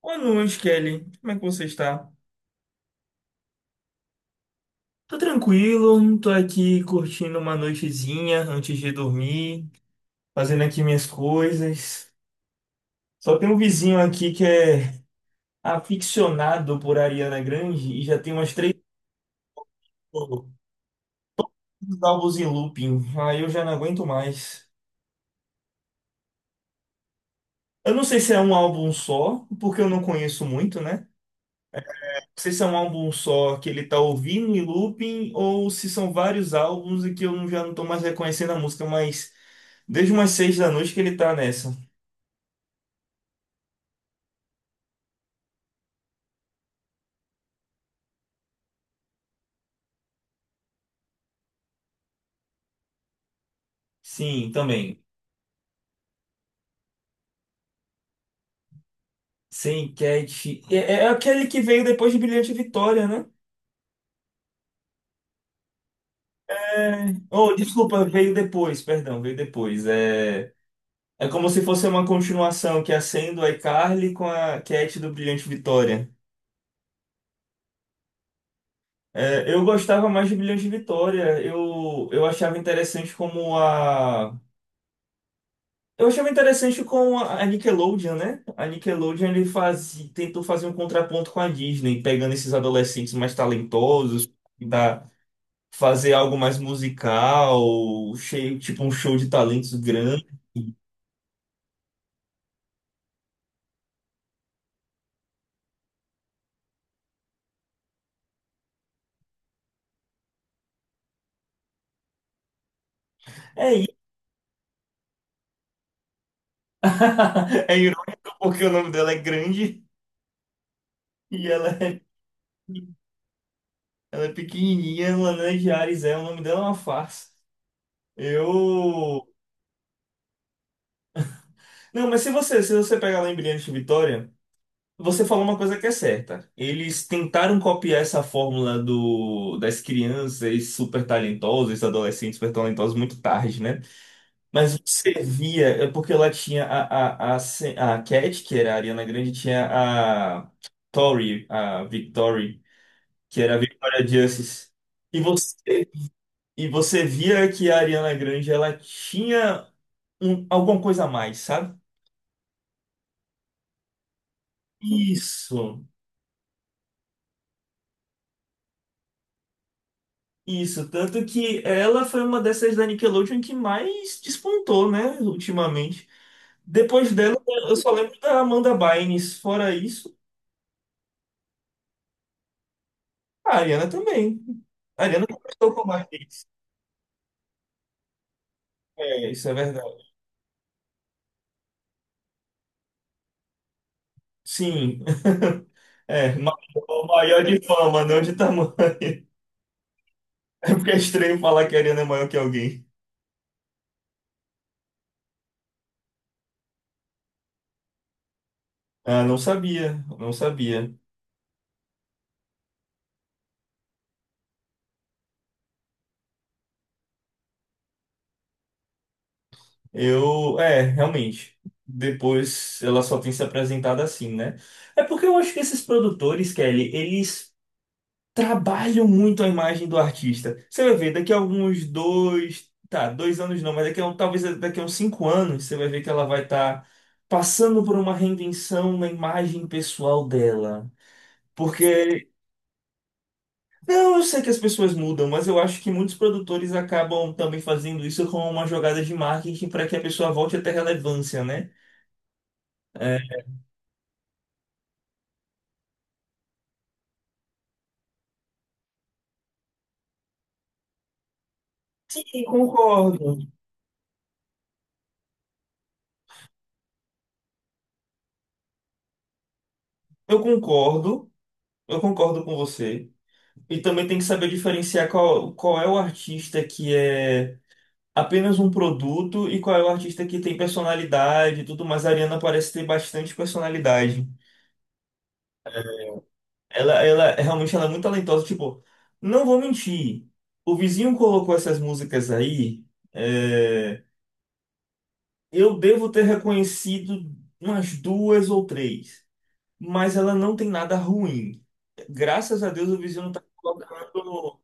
Boa noite, Kelly. Como é que você está? Tô tranquilo, tô aqui curtindo uma noitezinha antes de dormir, fazendo aqui minhas coisas. Só tem um vizinho aqui que é aficionado por Ariana Grande e já tem umas três álbuns em looping. Aí eu já não aguento mais. Eu não sei se é um álbum só, porque eu não conheço muito, né? Se isso é um álbum só que ele tá ouvindo em looping ou se são vários álbuns e que eu não- já não tô mais reconhecendo a música, mas desde umas 6 da noite que ele tá nessa. Sim, também. Sem Cat. É aquele que veio depois de Brilhante Vitória, né? Oh, desculpa, veio depois, perdão, veio depois. É, é como se fosse uma continuação que acende o iCarly com a Cat do Brilhante Vitória. É, eu gostava mais de Brilhante Vitória. Eu achava interessante com a Nickelodeon, né? A Nickelodeon ele faz, tentou fazer um contraponto com a Disney, pegando esses adolescentes mais talentosos, tentar fazer algo mais musical, cheio, tipo um show de talentos grande. É isso. É irônico porque o nome dela é grande e ela é pequenininha, Lana de Ares é, o nome dela é uma farsa. Eu. Não, mas se você pegar lá em Brilhante Vitória. Você falou uma coisa que é certa. Eles tentaram copiar essa fórmula das crianças super talentosas, adolescentes super talentosos, muito tarde, né? Servia, é porque lá tinha a Cat, que era a Ariana Grande, tinha a Tori, a Victory, que era a Victoria Justice. E você, e você via que a Ariana Grande, ela tinha alguma coisa a mais, sabe? Isso. Isso, tanto que ela foi uma dessas da Nickelodeon que mais despontou, né, ultimamente. Depois dela, eu só lembro da Amanda Bynes. Fora isso, a Ariana também. A Ariana começou com mais hits. É, isso é verdade. Sim. É, maior de fama, não de tamanho. É porque é estranho falar que a Ariana é maior que alguém. Ah, não sabia, não sabia. Eu, é, realmente. Depois ela só tem se apresentado assim, né? É porque eu acho que esses produtores, Kelly, eles trabalham muito a imagem do artista. Você vai ver, daqui a alguns dois, tá, 2 anos não, mas daqui a um, talvez daqui a uns 5 anos, você vai ver que ela vai estar passando por uma reinvenção na imagem pessoal dela. Porque, não, eu sei que as pessoas mudam, mas eu acho que muitos produtores acabam também fazendo isso como uma jogada de marketing para que a pessoa volte a ter relevância, né? É. Sim, concordo. Eu concordo, eu concordo com você. E também tem que saber diferenciar qual é o artista que é apenas um produto e qual é o artista que tem personalidade e tudo mais. A Ariana parece ter bastante personalidade. Ela realmente ela é muito talentosa. Tipo, não vou mentir. O vizinho colocou essas músicas aí. É, eu devo ter reconhecido umas duas ou três. Mas ela não tem nada ruim. Graças a Deus o vizinho não tá colocando.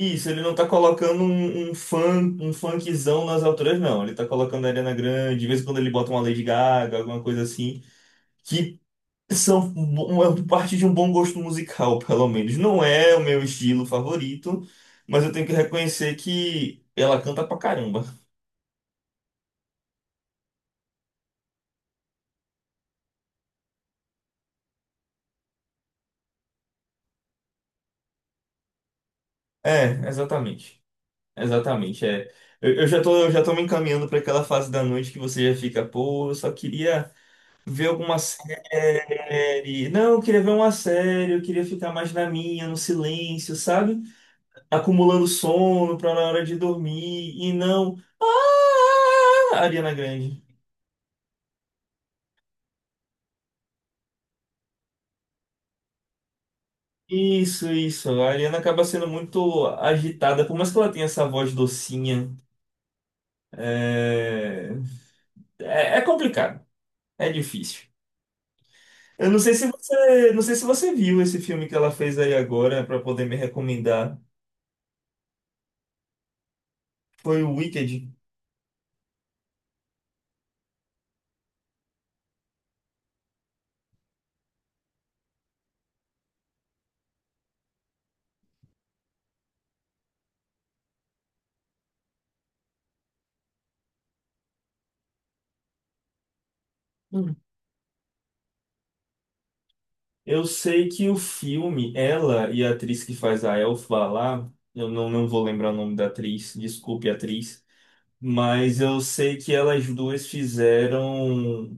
Isso, ele não tá colocando um funkzão nas alturas, não. Ele tá colocando a Ariana Grande, de vez em quando ele bota uma Lady Gaga, alguma coisa assim, que são uma parte de um bom gosto musical, pelo menos. Não é o meu estilo favorito, mas eu tenho que reconhecer que ela canta pra caramba. É, exatamente. Exatamente, é. Eu já tô me encaminhando pra aquela fase da noite que você já fica, pô, eu só queria. Ver alguma série. Não, eu queria ver uma série, eu queria ficar mais na minha, no silêncio, sabe? Acumulando sono pra na hora de dormir e não. Ah, Ariana Grande. Isso, isso. A Ariana acaba sendo muito agitada, por mais que ela tenha essa voz docinha. É, é complicado, é difícil. Eu não sei se você viu esse filme que ela fez aí agora pra poder me recomendar. Foi o Wicked. Eu sei que o filme, ela e a atriz que faz a Elfa lá, eu não vou lembrar o nome da atriz, desculpe, atriz, mas eu sei que elas duas fizeram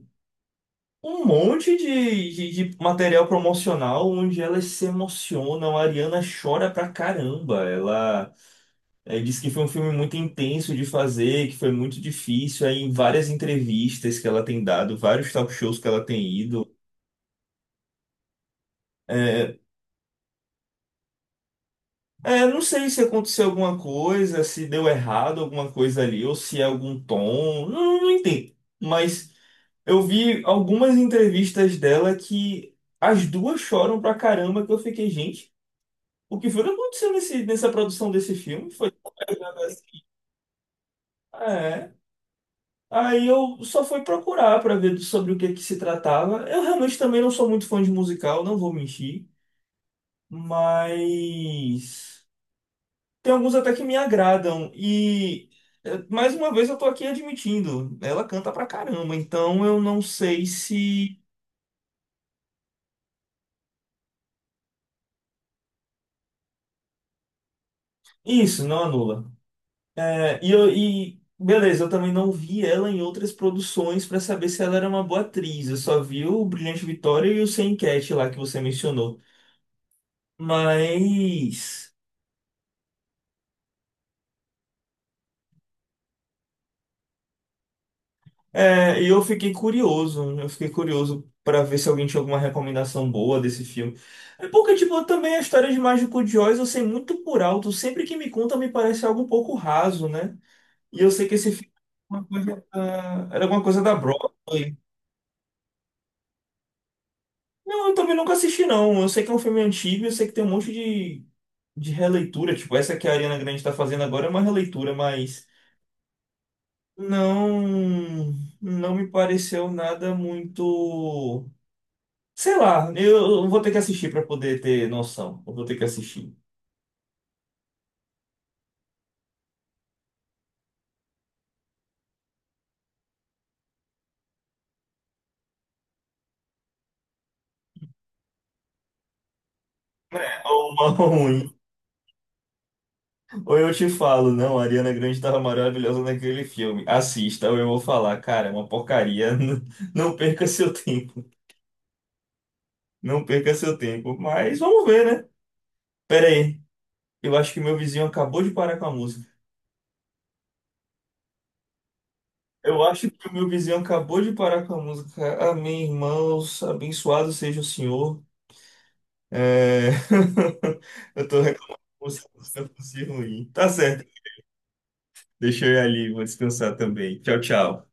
um monte de material promocional onde elas se emocionam. A Ariana chora pra caramba. Ela disse que foi um filme muito intenso de fazer, que foi muito difícil. Aí, em várias entrevistas que ela tem dado, vários talk shows que ela tem ido. é, É, não sei se aconteceu alguma coisa, se deu errado alguma coisa ali, ou se é algum tom, não, não entendo. Mas eu vi algumas entrevistas dela que as duas choram pra caramba, que eu fiquei, gente, o que foi que aconteceu nessa produção desse filme? Foi tão pesado assim. Ah, É. Aí eu só fui procurar pra ver sobre o que que se tratava. Eu realmente também não sou muito fã de musical, não vou mentir, mas. Tem alguns até que me agradam. E mais uma vez eu tô aqui admitindo, ela canta pra caramba, então eu não sei se. Isso, não anula. É, e beleza, eu também não vi ela em outras produções pra saber se ela era uma boa atriz. Eu só vi o Brilhante Vitória e o Sem Enquete lá que você mencionou. Mas. É, e eu fiquei curioso pra ver se alguém tinha alguma recomendação boa desse filme. É porque, tipo, também a história de Mágico de Oz eu sei muito por alto, sempre que me conta me parece algo um pouco raso, né? E eu sei que esse filme é uma coisa era alguma coisa da Broadway. Não, eu também nunca assisti, não. Eu sei que é um filme antigo, eu sei que tem um monte de releitura, tipo, essa que a Ariana Grande tá fazendo agora é uma releitura, mas não, não me pareceu nada muito. Sei lá, eu vou ter que assistir para poder ter noção. Eu vou ter que assistir. É uma ruim. Ou eu te falo, não, a Ariana Grande tava maravilhosa naquele filme. Assista, ou eu vou falar, cara, é uma porcaria. Não, não perca seu tempo. Não perca seu tempo. Mas vamos ver, né? Pera aí. Eu acho que meu vizinho acabou de parar com a música. Eu acho que o meu vizinho acabou de parar com a música. Amém, irmãos. Abençoado seja o Senhor. É... Eu tô reclamando. Da música ruim. Tá certo. Deixa eu ir ali, vou descansar também. Tchau, tchau.